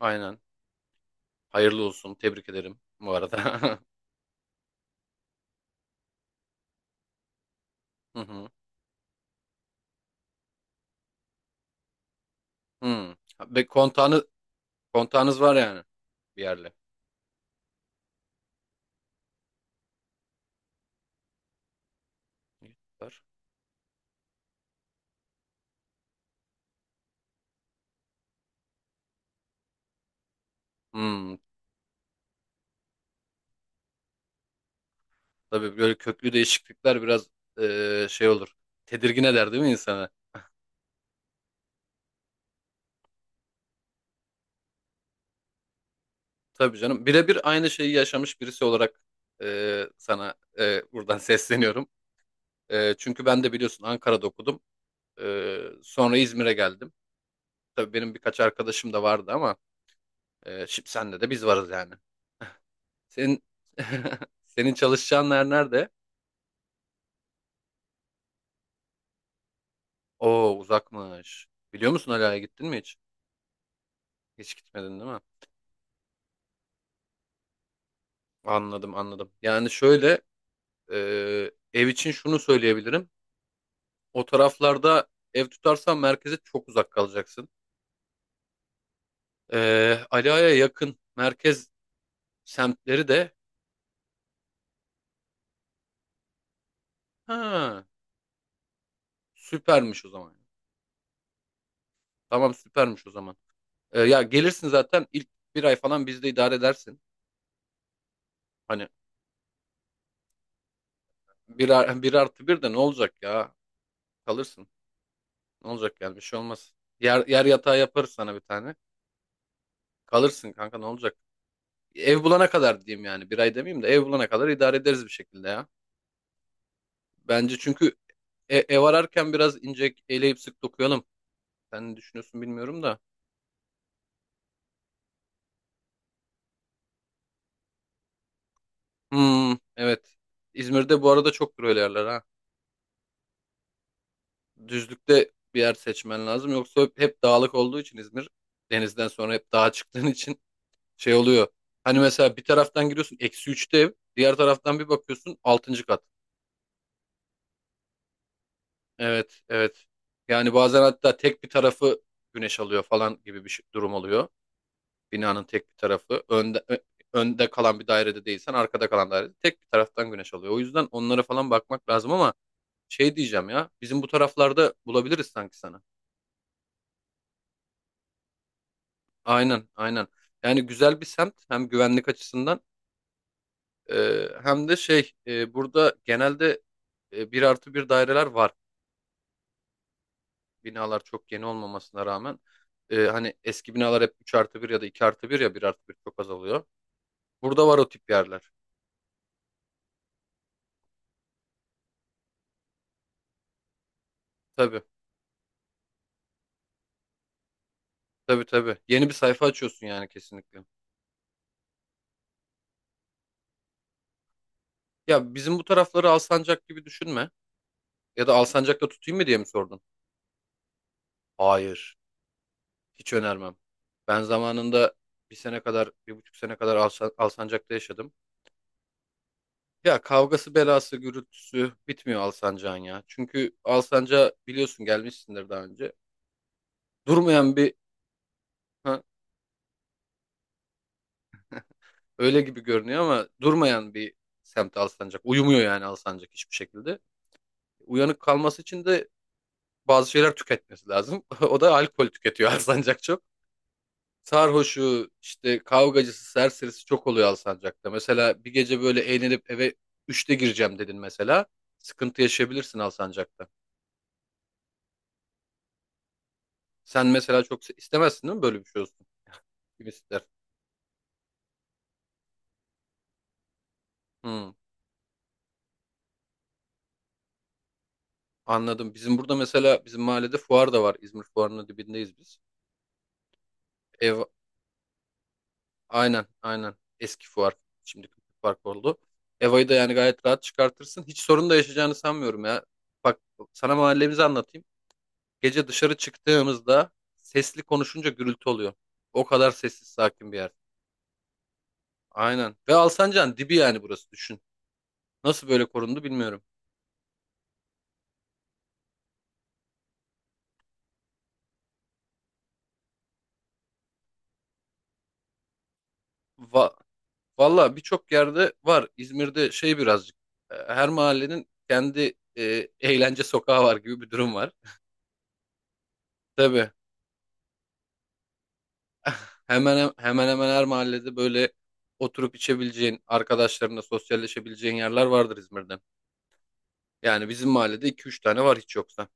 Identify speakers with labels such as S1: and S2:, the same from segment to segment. S1: Aynen. Hayırlı olsun. Tebrik ederim bu arada. Hı hı. Hı. Ve kontağınız var yani bir yerle. Var. Hmm. Tabii böyle köklü değişiklikler biraz şey olur. Tedirgin eder değil mi insanı? Tabii canım. Birebir aynı şeyi yaşamış birisi olarak sana buradan sesleniyorum. Çünkü ben de biliyorsun Ankara'da okudum. Sonra İzmir'e geldim. Tabii benim birkaç arkadaşım da vardı ama şimdi senle de biz varız yani. Senin senin çalışacağın yer nerede? Oo, uzakmış. Biliyor musun, Ala'ya gittin mi hiç? Hiç gitmedin değil mi? Anladım, anladım. Yani şöyle, ev için şunu söyleyebilirim. O taraflarda ev tutarsan merkeze çok uzak kalacaksın. E, Ala'ya yakın merkez semtleri de... Ha, süpermiş o zaman. Tamam, süpermiş o zaman. Ya gelirsin zaten, ilk bir ay falan bizde idare edersin. Hani bir artı bir de ne olacak ya? Kalırsın. Ne olacak yani, bir şey olmaz. Yer yatağı yaparız sana bir tane. Kalırsın kanka, ne olacak? Ev bulana kadar diyeyim yani. Bir ay demeyeyim de, ev bulana kadar idare ederiz bir şekilde ya. Bence çünkü ev ararken biraz ince eleyip sık dokuyalım. Sen ne düşünüyorsun bilmiyorum da. Hmm, evet. İzmir'de bu arada çok öyle yerler ha. Düzlükte bir yer seçmen lazım. Yoksa hep dağlık olduğu için İzmir. Denizden sonra hep dağa çıktığın için şey oluyor. Hani mesela bir taraftan giriyorsun, eksi üçte ev. Diğer taraftan bir bakıyorsun altıncı kat. Evet, evet. Yani bazen hatta tek bir tarafı güneş alıyor falan gibi bir durum oluyor. Binanın tek bir tarafı. Önde kalan bir dairede değilsen, arkada kalan dairede tek bir taraftan güneş alıyor. O yüzden onlara falan bakmak lazım ama şey diyeceğim ya: bizim bu taraflarda bulabiliriz sanki sana. Aynen, aynen. Yani güzel bir semt, hem güvenlik açısından, hem de şey, burada genelde bir artı bir daireler var. Binalar çok yeni olmamasına rağmen, hani eski binalar hep 3 artı bir ya da 2 artı bir, ya bir artı bir çok azalıyor oluyor. Burada var o tip yerler. Tabii, tabii, tabii. Yeni bir sayfa açıyorsun yani, kesinlikle. Ya bizim bu tarafları Alsancak gibi düşünme. Ya da Alsancak'ta tutayım mı diye mi sordun? Hayır. Hiç önermem. Ben zamanında bir sene kadar, bir buçuk sene kadar Alsancak'ta yaşadım. Ya kavgası, belası, gürültüsü bitmiyor Alsancak'ın ya. Çünkü Alsancak, biliyorsun, gelmişsindir daha önce. Durmayan bir Ha, öyle gibi görünüyor ama durmayan bir semt Alsancak. Uyumuyor yani Alsancak hiçbir şekilde. Uyanık kalması için de bazı şeyler tüketmesi lazım. O da alkol tüketiyor Alsancak, çok. Sarhoşu, işte kavgacısı, serserisi çok oluyor Alsancak'ta. Mesela bir gece böyle eğlenip eve 3'te gireceğim dedin mesela. Sıkıntı yaşayabilirsin Alsancak'ta. Sen mesela çok istemezsin değil mi böyle bir şey olsun? Kim ister? Hmm, anladım. Bizim burada mesela, bizim mahallede fuar da var. İzmir fuarının dibindeyiz biz. Ev Aynen, aynen. Eski fuar. Şimdi fark oldu. Eva'yı da yani gayet rahat çıkartırsın. Hiç sorun da yaşayacağını sanmıyorum ya. Bak sana mahallemizi anlatayım. Gece dışarı çıktığımızda sesli konuşunca gürültü oluyor. O kadar sessiz sakin bir yer. Aynen. Ve Alsancak'ın dibi yani, burası düşün. Nasıl böyle korundu bilmiyorum. Va Valla birçok yerde var. İzmir'de şey birazcık. Her mahallenin kendi eğlence sokağı var gibi bir durum var. Tabii. Hemen hemen her mahallede böyle oturup içebileceğin, arkadaşlarınla sosyalleşebileceğin yerler vardır İzmir'den. Yani bizim mahallede iki üç tane var hiç yoksa.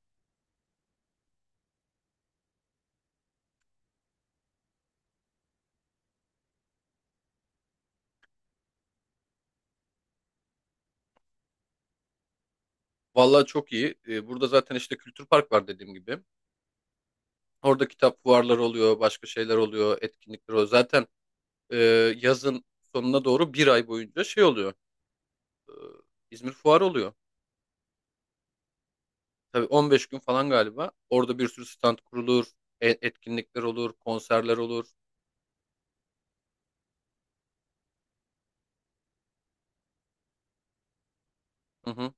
S1: Vallahi çok iyi. Burada zaten işte kültür park var dediğim gibi. Orada kitap fuarları oluyor, başka şeyler oluyor, etkinlikler oluyor. Zaten e, yazın sonuna doğru bir ay boyunca şey oluyor: İzmir fuarı oluyor. Tabii 15 gün falan galiba. Orada bir sürü stand kurulur, etkinlikler olur, konserler olur. Hı hı.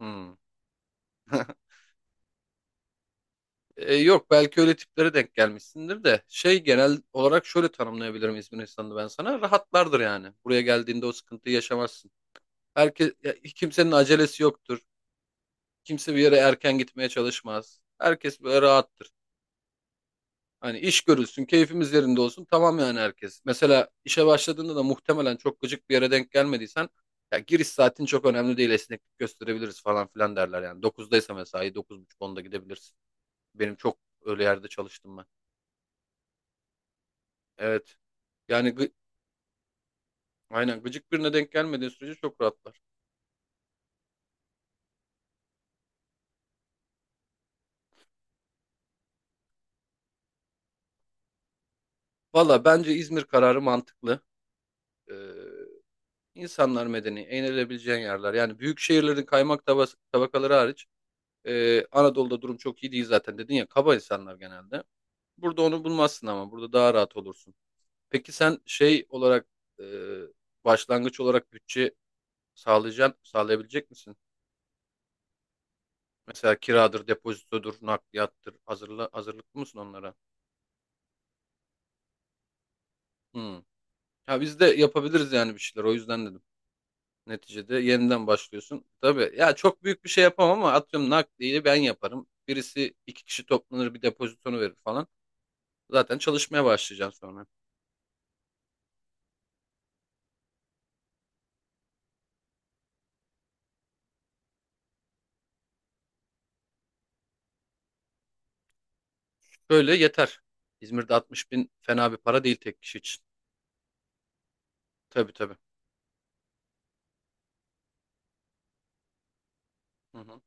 S1: Hı. Yok, belki öyle tiplere denk gelmişsindir de şey, genel olarak şöyle tanımlayabilirim İzmir insanını ben sana: rahatlardır yani, buraya geldiğinde o sıkıntıyı yaşamazsın. Herkes ya, kimsenin acelesi yoktur, kimse bir yere erken gitmeye çalışmaz, herkes böyle rahattır. Hani iş görülsün, keyfimiz yerinde olsun, tamam yani herkes. Mesela işe başladığında da, muhtemelen çok gıcık bir yere denk gelmediysen, ya giriş saatin çok önemli değil, esneklik gösterebiliriz falan filan derler yani. 9'daysa mesai, buçuk onda gidebilirsin. Benim çok öyle yerde çalıştım ben. Evet. Yani aynen, gıcık birine denk gelmediği sürece çok rahatlar. Valla bence İzmir kararı mantıklı. Ee, insanlar medeni, eğlenebileceğin yerler. Yani büyük şehirlerin kaymak tabakaları hariç, Anadolu'da durum çok iyi değil zaten, dedin ya kaba insanlar genelde. Burada onu bulmazsın, ama burada daha rahat olursun. Peki sen şey olarak, e, başlangıç olarak bütçe sağlayacaksın, sağlayabilecek misin? Mesela kiradır, depozitodur, nakliyattır. Hazırlıklı mısın onlara? Hmm. Ya biz de yapabiliriz yani bir şeyler. O yüzden dedim. Neticede yeniden başlıyorsun. Tabii ya, çok büyük bir şey yapamam ama atıyorum nakliyi ben yaparım. Birisi, iki kişi toplanır bir depozitonu verir falan. Zaten çalışmaya başlayacağım sonra. Böyle yeter. İzmir'de 60 bin fena bir para değil tek kişi için. Tabii, tabii. Hı hı.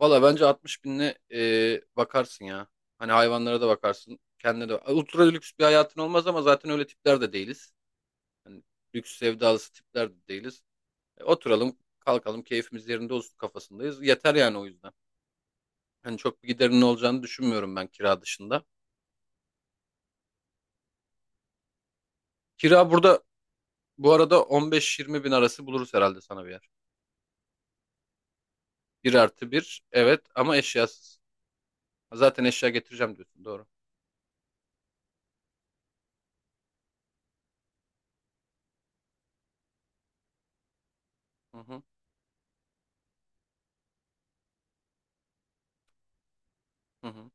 S1: Valla bence 60 binle, bakarsın ya. Hani hayvanlara da bakarsın. Kendine de. Ultra lüks bir hayatın olmaz ama zaten öyle tipler de değiliz. Hani lüks sevdalısı tipler de değiliz. Oturalım, kalkalım, keyfimiz yerinde olsun kafasındayız. Yeter yani, o yüzden. Hani çok bir giderinin olacağını düşünmüyorum ben, kira dışında. Kira burada bu arada 15-20 bin arası buluruz herhalde sana bir yer. Bir artı bir, evet, ama eşyasız. Zaten eşya getireceğim diyorsun, doğru. Hı hı, hı hı.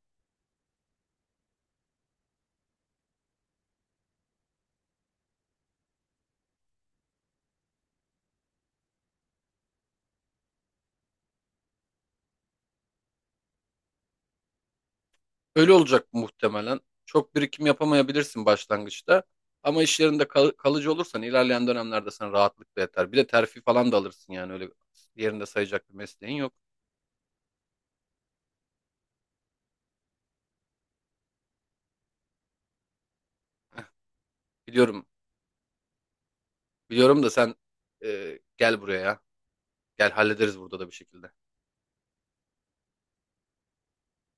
S1: Öyle olacak muhtemelen. Çok birikim yapamayabilirsin başlangıçta. Ama iş yerinde kalıcı olursan ilerleyen dönemlerde sana rahatlıkla yeter. Bir de terfi falan da alırsın yani, öyle yerinde sayacak bir mesleğin yok. Biliyorum, biliyorum da sen, gel buraya ya. Gel, hallederiz burada da bir şekilde.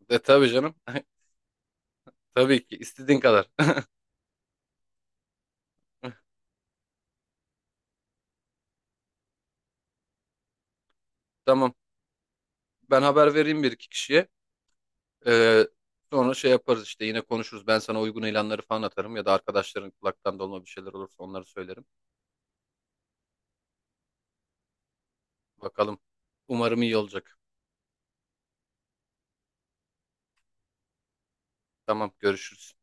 S1: De tabii canım. Tabii ki, istediğin kadar. Tamam. Ben haber vereyim bir iki kişiye. E, Sonra şey yaparız işte, yine konuşuruz. Ben sana uygun ilanları falan atarım ya da arkadaşların kulaktan dolma bir şeyler olursa onları söylerim. Bakalım. Umarım iyi olacak. Tamam, görüşürüz.